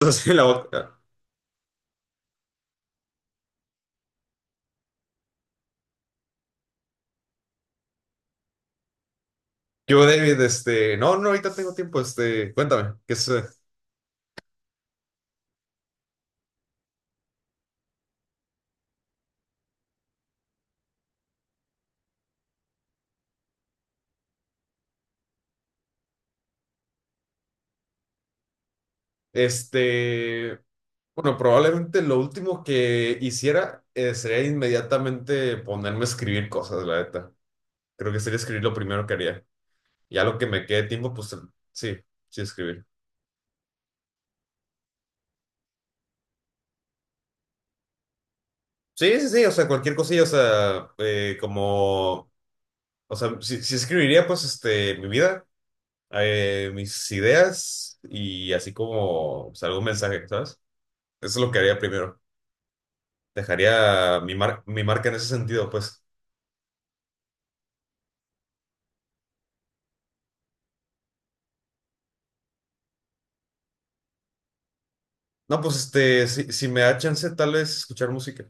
Así en la boca. Yo, David, no, no, ahorita tengo tiempo, cuéntame, ¿qué es? Eh, este, bueno, probablemente lo último que hiciera sería inmediatamente ponerme a escribir cosas, la neta. Creo que sería escribir lo primero que haría. Ya lo que me quede tiempo, pues sí, sí escribir. Sí, sí, sí, o sea, cualquier cosilla, o sea, como, o sea, sí, sí escribiría, pues, mi vida, mis ideas y así como, pues, algún mensaje, ¿sabes? Eso es lo que haría primero. Dejaría mi marca en ese sentido, pues. No, pues si me da chance, tal vez escuchar música.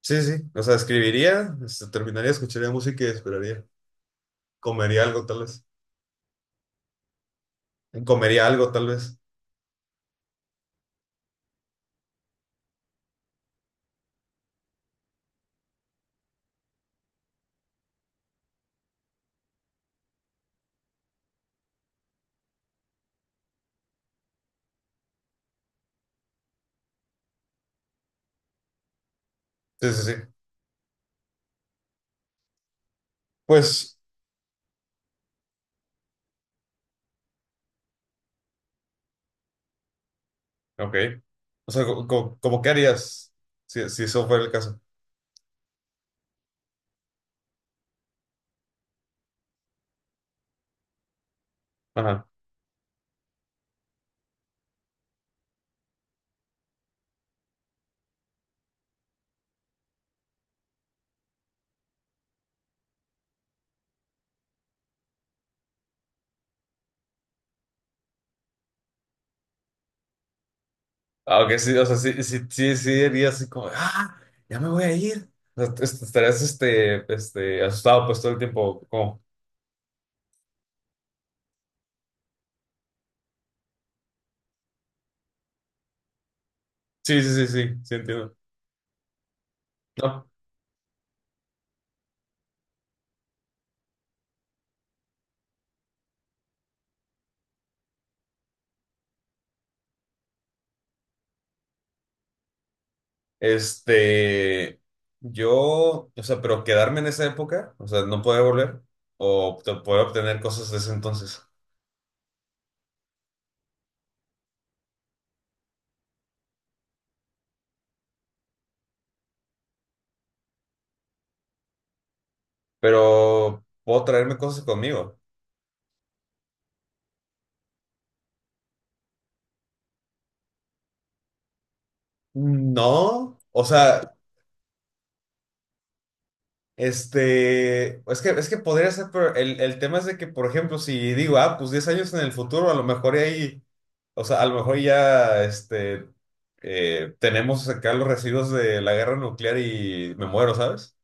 Sí, sí, sí. O sea, escribiría, terminaría, escucharía música y esperaría. Comería algo, tal vez. Comería algo, tal vez. Sí, sí, sí. Pues, ok. O sea, como, ¿qué harías si eso fuera el caso? Ajá. Ah, ok, sí, o sea, sí, sí, sí, sí, dirías así como, ah, ya me voy a ir. O sea, estarías, asustado pues todo el tiempo, como, sí, sí, sí, sí, sí, entiendo. No. Este, yo, o sea, pero quedarme en esa época, o sea, no poder volver o poder obtener cosas de ese entonces, pero puedo traerme cosas conmigo. No, o sea, es que podría ser, pero el tema es de que, por ejemplo, si digo, ah, pues 10 años en el futuro, a lo mejor y ahí, o sea, a lo mejor ya, tenemos acá los residuos de la guerra nuclear y me muero, ¿sabes?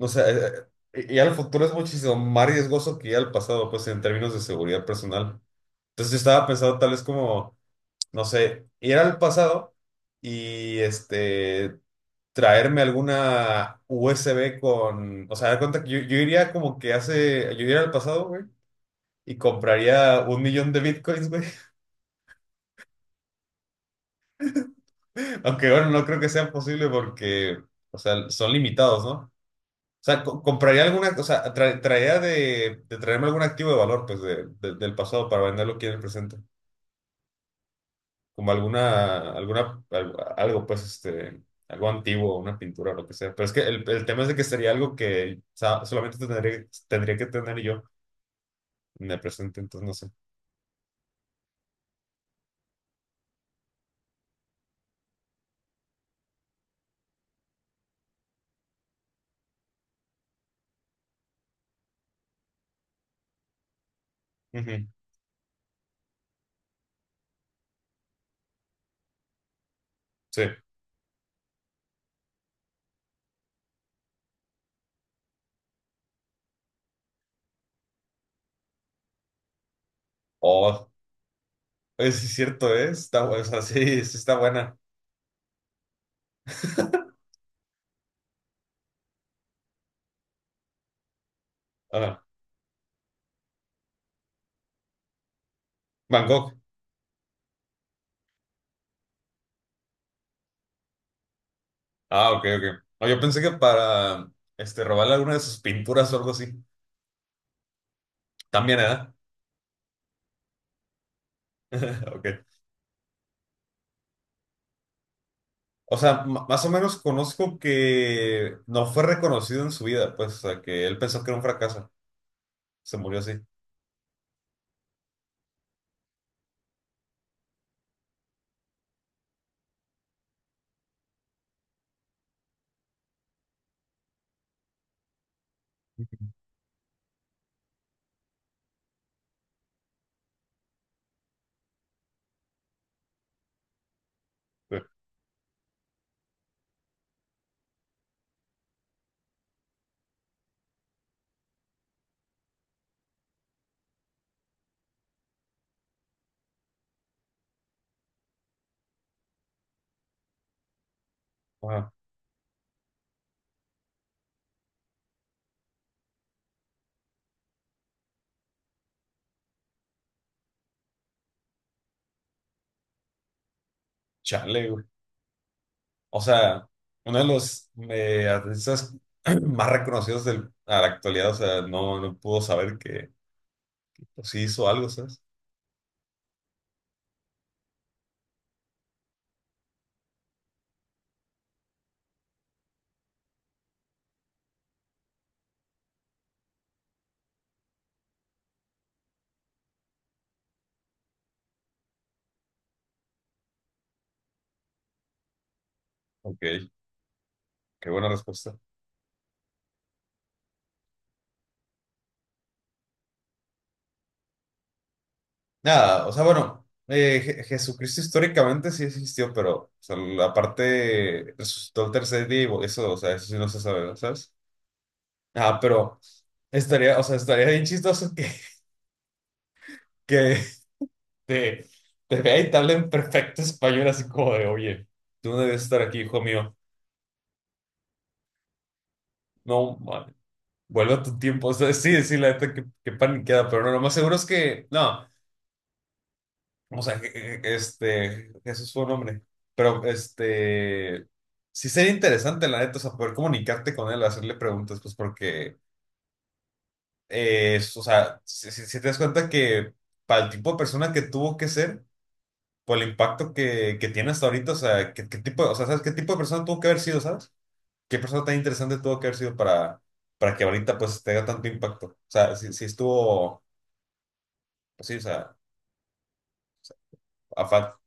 O sea, ir al futuro es muchísimo más riesgoso que ir al pasado, pues en términos de seguridad personal. Entonces yo estaba pensando tal vez como, no sé, ir al pasado y traerme alguna USB con, o sea, da cuenta que yo iría como que hace, yo iría al pasado, güey, y compraría 1 millón de bitcoins, güey. Aunque bueno, no creo que sea posible porque, o sea, son limitados, ¿no? O sea, compraría alguna, o sea, traía de traerme algún activo de valor, pues, del pasado para venderlo aquí en el presente. Como alguna, algo, pues, algo antiguo, una pintura, lo que sea. Pero es que el tema es de que sería algo que, o sea, solamente tendría que tener yo en el presente, entonces no sé. Ujú, sí. Oh, es cierto, ¿eh? Está, o sea, sí, sí está buena. Ah, Van Gogh. Ah, ok, ok. No, yo pensé que para, robarle alguna de sus pinturas o algo así. También, ¿eh? Ok. O sea, más o menos conozco que no fue reconocido en su vida, pues, o sea, que él pensó que era un fracaso. Se murió así. Güey. Ajá. Chale, güey. O sea, uno de los artistas más reconocidos del, a la actualidad, o sea, no pudo saber que pues, sí hizo algo, ¿sabes? Ok, qué buena respuesta. Nada, o sea, bueno, Jesucristo históricamente sí existió, pero o sea, la parte resucitó el tercer día y eso, o sea, eso sí no se sabe, ¿sabes? Ah, pero estaría, o sea, estaría bien chistoso que te, te vea y te hable en perfecto español, así como de, oye, tú no debes estar aquí, hijo mío. No, man, vuelve a tu tiempo. O sea, sí, sí, la neta, que paniqueada, pero no, lo más seguro es que, no, o sea, Jesús fue un hombre, pero sí sería interesante, la neta, o sea, poder comunicarte con él, hacerle preguntas, pues porque, o sea, si te das cuenta que para el tipo de persona que tuvo que ser, por el impacto que tiene hasta ahorita. O sea, ¿qué tipo? O sea, ¿sabes qué tipo de persona tuvo que haber sido? ¿Sabes? ¿Qué persona tan interesante tuvo que haber sido para que ahorita pues tenga tanto impacto? O sea, si estuvo, pues sí, o sea. a fa-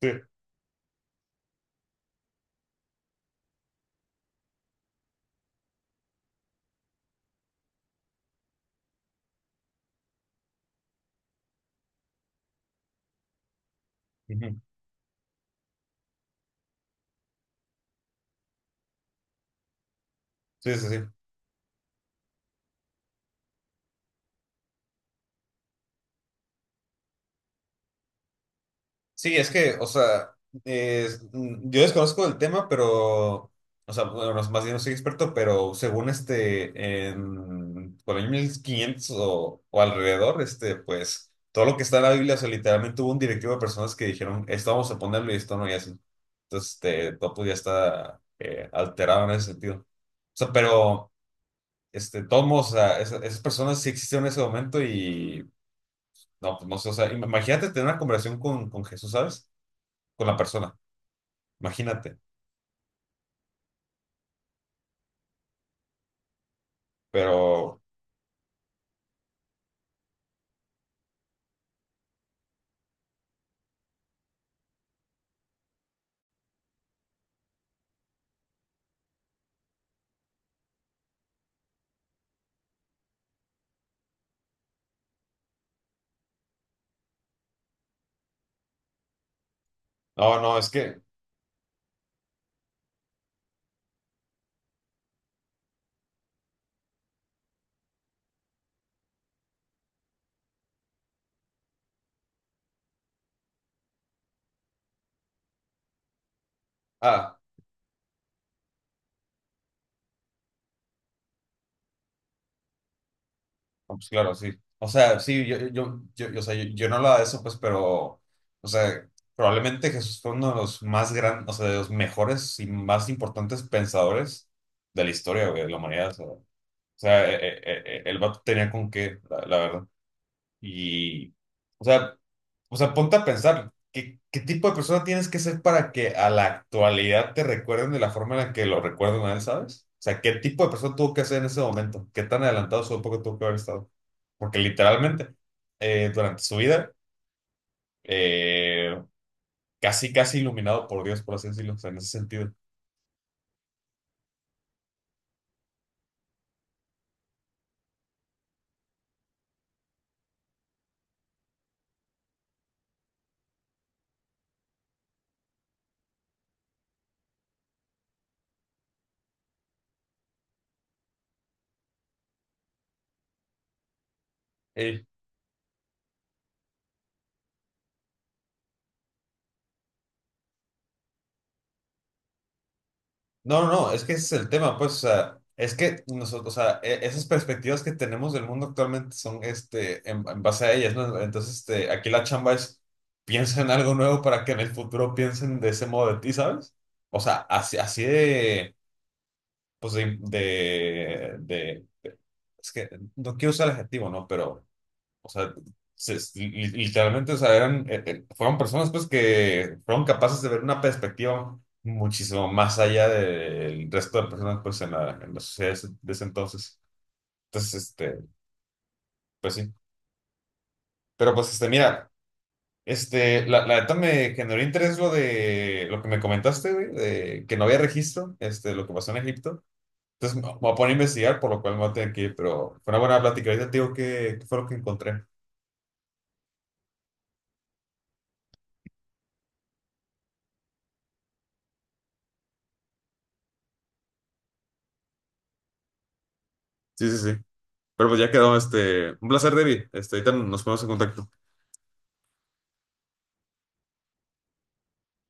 Sí. Ujú. Sí, sí, sí. Sí, es que, o sea, yo desconozco el tema, pero, o sea, bueno, más bien no soy experto, pero según en, por el 1500 o alrededor, pues, todo lo que está en la Biblia, o sea, literalmente hubo un directivo de personas que dijeron, esto vamos a ponerlo y esto no, y así. Entonces, todo pues ya está alterado en ese sentido. O sea, pero, todos, o sea, esas, personas sí existieron en ese momento y, no, pues no sé, o sea, imagínate tener una conversación con Jesús, ¿sabes? Con la persona. Imagínate. Pero, no, no, es que, ah, no, pues claro, sí. O sea, sí, yo, o sea, yo no hablaba de eso, pues, pero, o sea, probablemente Jesús fue uno de los más grandes, o sea, de los mejores y más importantes pensadores de la historia, güey, de la humanidad. O sea, el vato tenía con qué, la verdad. Y, o sea, o sea, ponte a pensar, ¿qué tipo de persona tienes que ser para que a la actualidad te recuerden de la forma en la que lo recuerdan a él? ¿Sabes? O sea, ¿qué tipo de persona tuvo que ser en ese momento? ¿Qué tan adelantado su época tuvo que haber estado? Porque literalmente, durante su vida, eh, casi, casi iluminado por Dios, por así decirlo, o sea, en ese sentido. Eh, No, no, no, es que ese es el tema, pues, o sea, es que nosotros, o sea, esas perspectivas que tenemos del mundo actualmente son, en base a ellas, ¿no? Entonces, aquí la chamba es, piensa en algo nuevo para que en el futuro piensen de ese modo de ti, ¿sabes? O sea, así, así de, pues, es que no quiero usar el adjetivo, ¿no? Pero o sea, literalmente, o sea, eran, fueron personas pues que fueron capaces de ver una perspectiva muchísimo más allá del resto de personas pues en la sociedad de ese entonces. Entonces, pues sí. Pero pues, mira, la neta me generó interés lo que me comentaste, güey, de que no había registro, lo que pasó en Egipto. Entonces me voy a poner a investigar, por lo cual me voy a tener que ir, pero fue una buena plática. Ahorita te digo qué qué fue lo que encontré. Sí, sí, sí. Pero pues ya quedó, un placer, David. Ahorita nos ponemos en contacto.